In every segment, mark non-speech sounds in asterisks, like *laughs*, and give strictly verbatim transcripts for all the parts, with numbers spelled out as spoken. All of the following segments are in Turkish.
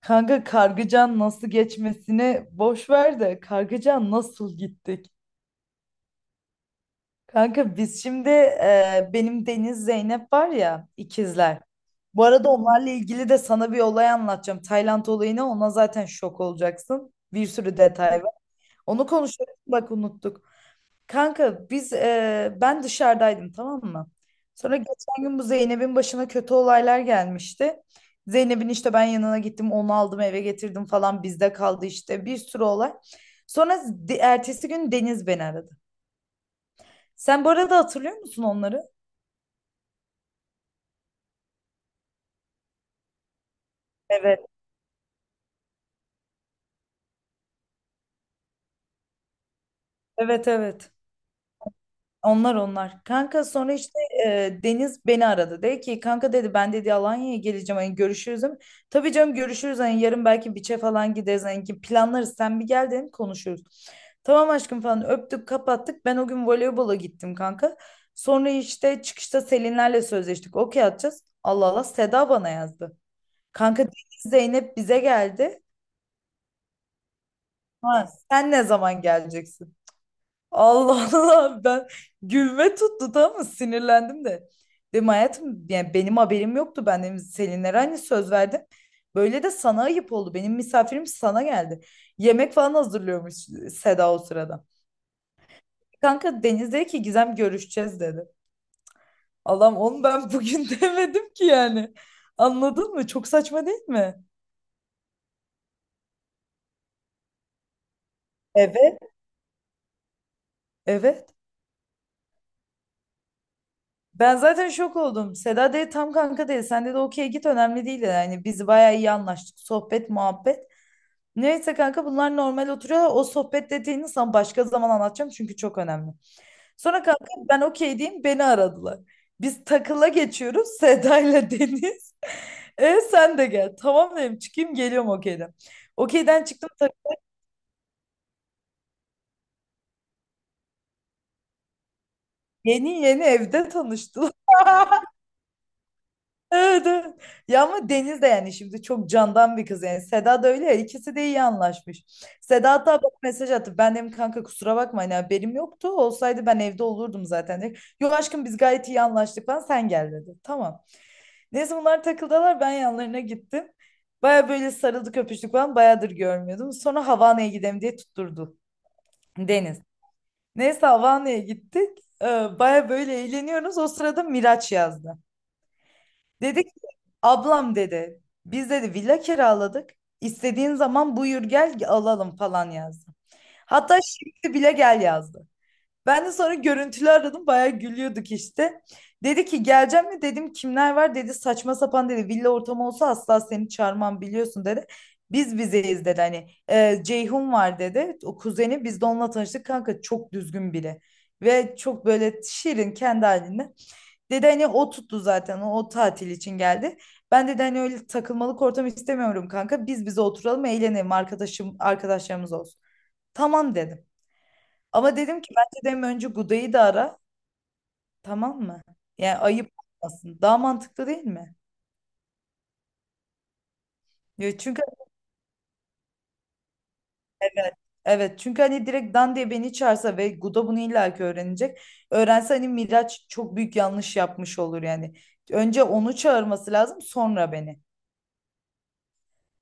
Kanka Kargıcan nasıl geçmesini boş ver de Kargıcan nasıl gittik? Kanka biz şimdi e, benim Deniz Zeynep var ya, ikizler. Bu arada onlarla ilgili de sana bir olay anlatacağım. Tayland olayını ona, zaten şok olacaksın. Bir sürü detay var. Onu konuşalım, bak unuttuk. Kanka biz e, ben dışarıdaydım, tamam mı? Sonra geçen gün bu Zeynep'in başına kötü olaylar gelmişti. Zeynep'in işte ben yanına gittim onu aldım eve getirdim falan bizde kaldı işte bir sürü olay. Sonra de- ertesi gün Deniz beni aradı. Sen bu arada hatırlıyor musun onları? Evet. Evet, evet. Onlar, onlar. Kanka sonra işte e, Deniz beni aradı. Dedi ki, kanka dedi, ben dedi Alanya'ya geleceğim, hani görüşürüz değil mi? Tabii canım, görüşürüz, hani yarın belki biçe falan gideriz, hani ki planlarız, sen bir gel dedim, konuşuruz. Tamam aşkım falan, öptük kapattık. Ben o gün voleybola gittim kanka. Sonra işte çıkışta Selinlerle sözleştik. Okey atacağız. Allah Allah, Seda bana yazdı. Kanka Deniz Zeynep bize geldi. Ha, sen ne zaman geleceksin? Allah Allah, ben gülme tuttu, tamam mı, sinirlendim de. Dedim hayatım, yani benim haberim yoktu, ben dedim Selinlere hani söz verdim. Böyle de sana ayıp oldu, benim misafirim sana geldi. Yemek falan hazırlıyormuş Seda o sırada. Kanka Deniz dedi ki, Gizem görüşeceğiz dedi. Allah'ım, onu ben bugün *laughs* demedim ki yani. Anladın mı? Çok saçma değil mi? Evet. Evet. Ben zaten şok oldum. Seda dedi, tam kanka dedi. Sen dedi okey git, önemli değil dedi. Yani biz bayağı iyi anlaştık. Sohbet, muhabbet. Neyse kanka, bunlar normal oturuyor. O sohbet detayını sana başka zaman anlatacağım, çünkü çok önemli. Sonra kanka ben okey diyeyim, beni aradılar. Biz takıla geçiyoruz Seda ile *laughs* Deniz. E sen de gel. Tamam dedim, çıkayım geliyorum okeyden. Okeyden çıktım tak- yeni yeni evde tanıştılar. *laughs* Evet, evet. Ya ama Deniz de yani şimdi çok candan bir kız yani. Seda da öyle ya, ikisi de iyi anlaşmış. Seda hatta bak mesaj attı. Ben dedim kanka kusura bakma, hani haberim yoktu. Olsaydı ben evde olurdum zaten dedi. Yok aşkım, biz gayet iyi anlaştık falan, sen gel dedi. Tamam. Neyse bunlar takıldılar, ben yanlarına gittim. Baya böyle sarıldık, öpüştük falan, bayağıdır görmüyordum. Sonra Havana'ya gidelim diye tutturdu Deniz. Neyse Havana'ya gittik. Ee, baya böyle eğleniyoruz. O sırada Miraç yazdı. Dedi ki, ablam dedi biz dedi villa kiraladık. İstediğin zaman buyur gel, alalım falan yazdı. Hatta şimdi bile gel yazdı. Ben de sonra görüntülü aradım, bayağı gülüyorduk işte. Dedi ki geleceğim mi, dedim kimler var, dedi saçma sapan, dedi villa ortamı olsa asla seni çağırmam biliyorsun dedi. Biz bizeyiz dedi, hani "Ee, Ceyhun var dedi, o kuzeni, biz de onunla tanıştık kanka, çok düzgün biri. Ve çok böyle şirin, kendi halinde. Dedi hani o tuttu zaten, o, o tatil için geldi. Ben dedi hani öyle takılmalık ortam istemiyorum kanka. Biz bize oturalım, eğlenelim, arkadaşım arkadaşlarımız olsun. Tamam dedim. Ama dedim ki bence dedim önce Guda'yı da ara, tamam mı? Yani ayıp olmasın. Daha mantıklı değil mi? Ya çünkü evet. Evet, çünkü hani direkt Dan diye beni çağırsa ve Guda bunu illaki öğrenecek. Öğrense hani Miraç çok büyük yanlış yapmış olur yani. Önce onu çağırması lazım, sonra beni.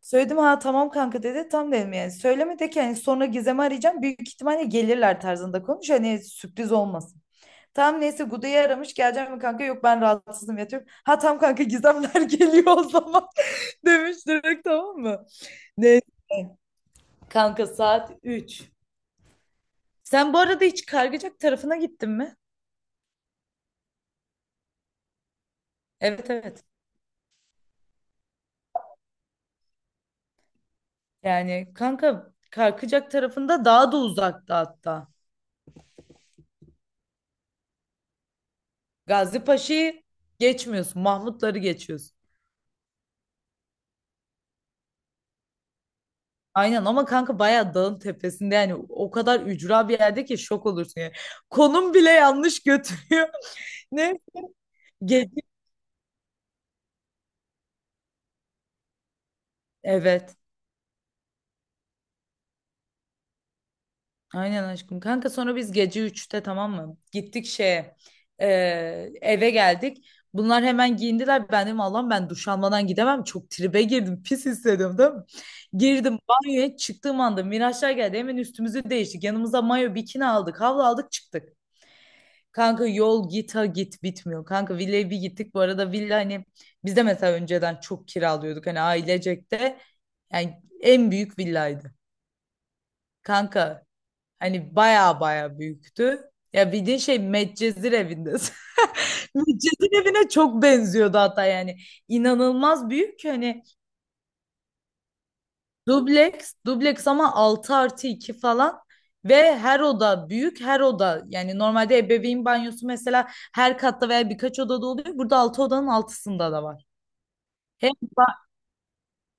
Söyledim, ha tamam kanka dedi. Tam dedim yani. Söyleme de ki hani sonra Gizem'i arayacağım. Büyük ihtimalle gelirler tarzında konuş. Hani sürpriz olmasın. Tamam, neyse Guda'yı aramış. Geleceğim mi kanka? Yok, ben rahatsızım, yatıyorum. Ha tamam kanka, Gizemler *laughs* geliyor o zaman. *laughs* Demiş direkt, tamam mı? Neyse. Kanka saat üç. Sen bu arada hiç Kargıcak tarafına gittin mi? Evet, evet. Yani kanka Kargıcak tarafında daha da uzakta hatta. Gazi Paşa'yı geçmiyorsun. Mahmutları geçiyorsun. Aynen, ama kanka bayağı dağın tepesinde, yani o kadar ücra bir yerde ki şok olursun yani. Konum bile yanlış götürüyor. *laughs* Ne? Gece. Evet. Aynen aşkım. Kanka sonra biz gece üçte, tamam mı, gittik şeye. e, Eve geldik. Bunlar hemen giyindiler. Ben dedim Allah'ım, ben duş almadan gidemem. Çok tribe girdim. Pis hissediyorum, değil mi? Girdim banyoya, çıktığım anda Miraçlar geldi. Hemen üstümüzü değiştik. Yanımıza mayo bikini aldık. Havlu aldık, çıktık. Kanka yol git ha git, bitmiyor. Kanka villaya bir gittik. Bu arada villa, hani biz de mesela önceden çok kiralıyorduk. Hani ailecek de, yani en büyük villaydı. Kanka hani baya baya büyüktü. Ya, bildiğin şey Medcezir evinde. *laughs* Medcezir evine çok benziyordu hatta yani. İnanılmaz büyük ki hani. Dubleks, dubleks, ama altı artı iki falan. Ve her oda büyük, her oda, yani normalde ebeveyn banyosu mesela her katta veya birkaç odada oluyor. Burada altı odanın altısında da var. Hem, ba-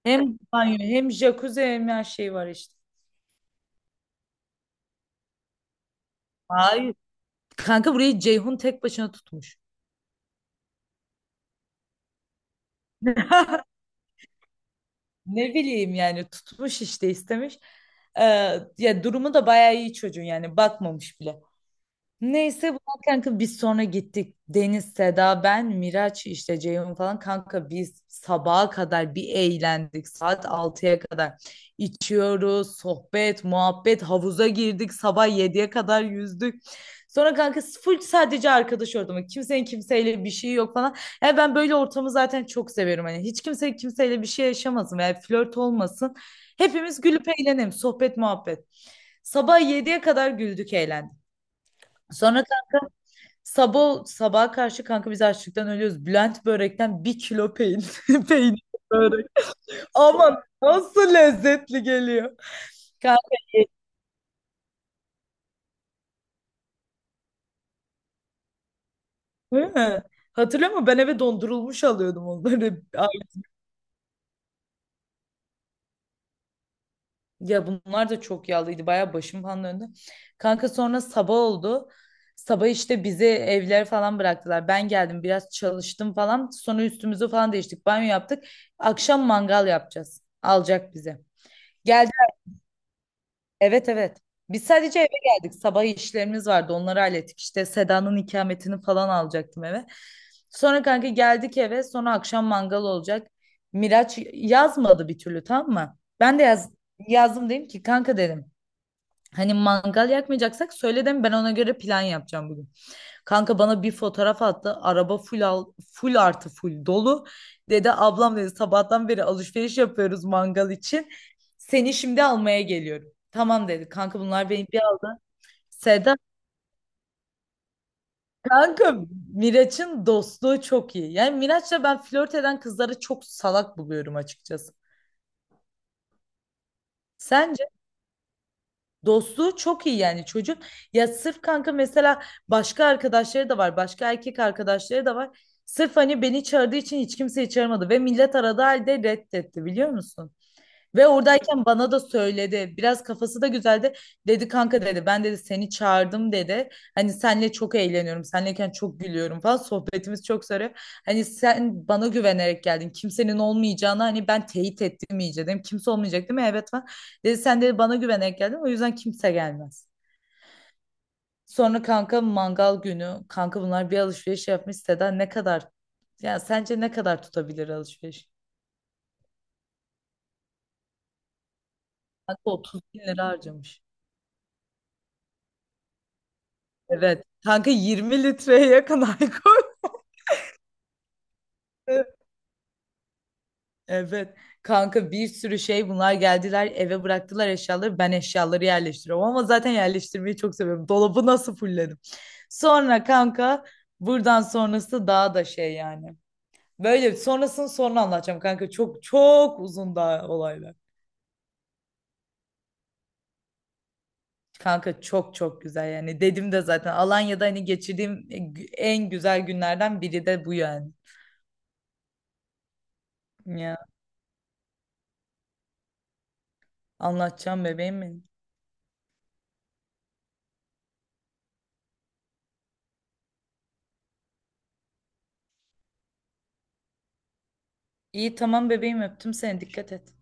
Hem banyo, hem jacuzzi, hem her şey var işte. Hayır. Kanka burayı Ceyhun tek başına tutmuş. *laughs* Ne bileyim, yani tutmuş işte, istemiş. Ee, Ya durumu da bayağı iyi çocuğun, yani bakmamış bile. Neyse bunlar, kanka biz sonra gittik. Deniz, Seda, ben, Miraç işte, Ceyhun falan, kanka biz sabaha kadar bir eğlendik. Saat altıya kadar içiyoruz, sohbet, muhabbet, havuza girdik. Sabah yediye kadar yüzdük. Sonra kanka full sadece arkadaş ortamı. Kimsenin kimseyle bir şey yok falan. Ya ben böyle ortamı zaten çok seviyorum. Hani hiç kimse kimseyle bir şey yaşamasın veya flört olmasın. Hepimiz gülüp eğlenelim. Sohbet, muhabbet. Sabah yediye kadar güldük, eğlendik. Sonra sabah sabaha karşı, kanka biz açlıktan ölüyoruz. Bülent börekten bir kilo peynir. *laughs* Peynir börek. Aman nasıl lezzetli geliyor. Kanka değil mi? Hatırlıyor musun? Ben eve dondurulmuş alıyordum onları. Ay, ya bunlar da çok yağlıydı. Bayağı başım falan döndü. Kanka sonra sabah oldu. Sabah işte bizi evlere falan bıraktılar. Ben geldim, biraz çalıştım falan. Sonra üstümüzü falan değiştik. Banyo yaptık. Akşam mangal yapacağız. Alacak bize. Gel Evet, evet. Biz sadece eve geldik. Sabah işlerimiz vardı. Onları hallettik. İşte Seda'nın ikametini falan alacaktım eve. Sonra kanka geldik eve. Sonra akşam mangal olacak. Miraç yazmadı bir türlü, tamam mı? Ben de yaz, yazdım, dedim ki kanka dedim. Hani mangal yakmayacaksak söyle dedim, ben ona göre plan yapacağım bugün. Kanka bana bir fotoğraf attı. Araba full al, full artı full dolu. Dedi ablam dedi sabahtan beri alışveriş yapıyoruz mangal için. Seni şimdi almaya geliyorum. Tamam dedi. Kanka bunlar beni bir aldı. Seda kanka, Miraç'ın dostluğu çok iyi. Yani Miraç'la ben, flört eden kızları çok salak buluyorum açıkçası. Sence? Dostluğu çok iyi yani çocuk. Ya sırf kanka mesela başka arkadaşları da var. Başka erkek arkadaşları da var. Sırf hani beni çağırdığı için hiç kimseyi çağırmadı. Ve millet aradığı halde reddetti, biliyor musun? Ve oradayken bana da söyledi. Biraz kafası da güzeldi. Dedi kanka dedi, ben dedi seni çağırdım dedi. Hani senle çok eğleniyorum. Senleyken çok gülüyorum falan. Sohbetimiz çok sarıyor. Hani sen bana güvenerek geldin. Kimsenin olmayacağını hani ben teyit ettim iyice dedim. Kimse olmayacak değil mi? Evet falan. Dedi sen dedi bana güvenerek geldin. O yüzden kimse gelmez. Sonra kanka mangal günü. Kanka bunlar bir alışveriş yapmış. Seda ne kadar? Ya sence ne kadar tutabilir alışveriş? Kanka otuz bin lira harcamış. Evet. Kanka yirmi litreye yakın alkol. *laughs* Evet. Kanka bir sürü şey, bunlar geldiler eve, bıraktılar eşyaları. Ben eşyaları yerleştiriyorum, ama zaten yerleştirmeyi çok seviyorum. Dolabı nasıl fulledim. Sonra kanka buradan sonrası daha da şey yani. Böyle sonrasını sonra anlatacağım kanka. Çok çok uzun daha olaylar. Kanka çok çok güzel yani. Dedim de zaten Alanya'da hani geçirdiğim en güzel günlerden biri de bu yani. Ya anlatacağım bebeğim mi? İyi tamam bebeğim, öptüm seni, dikkat et.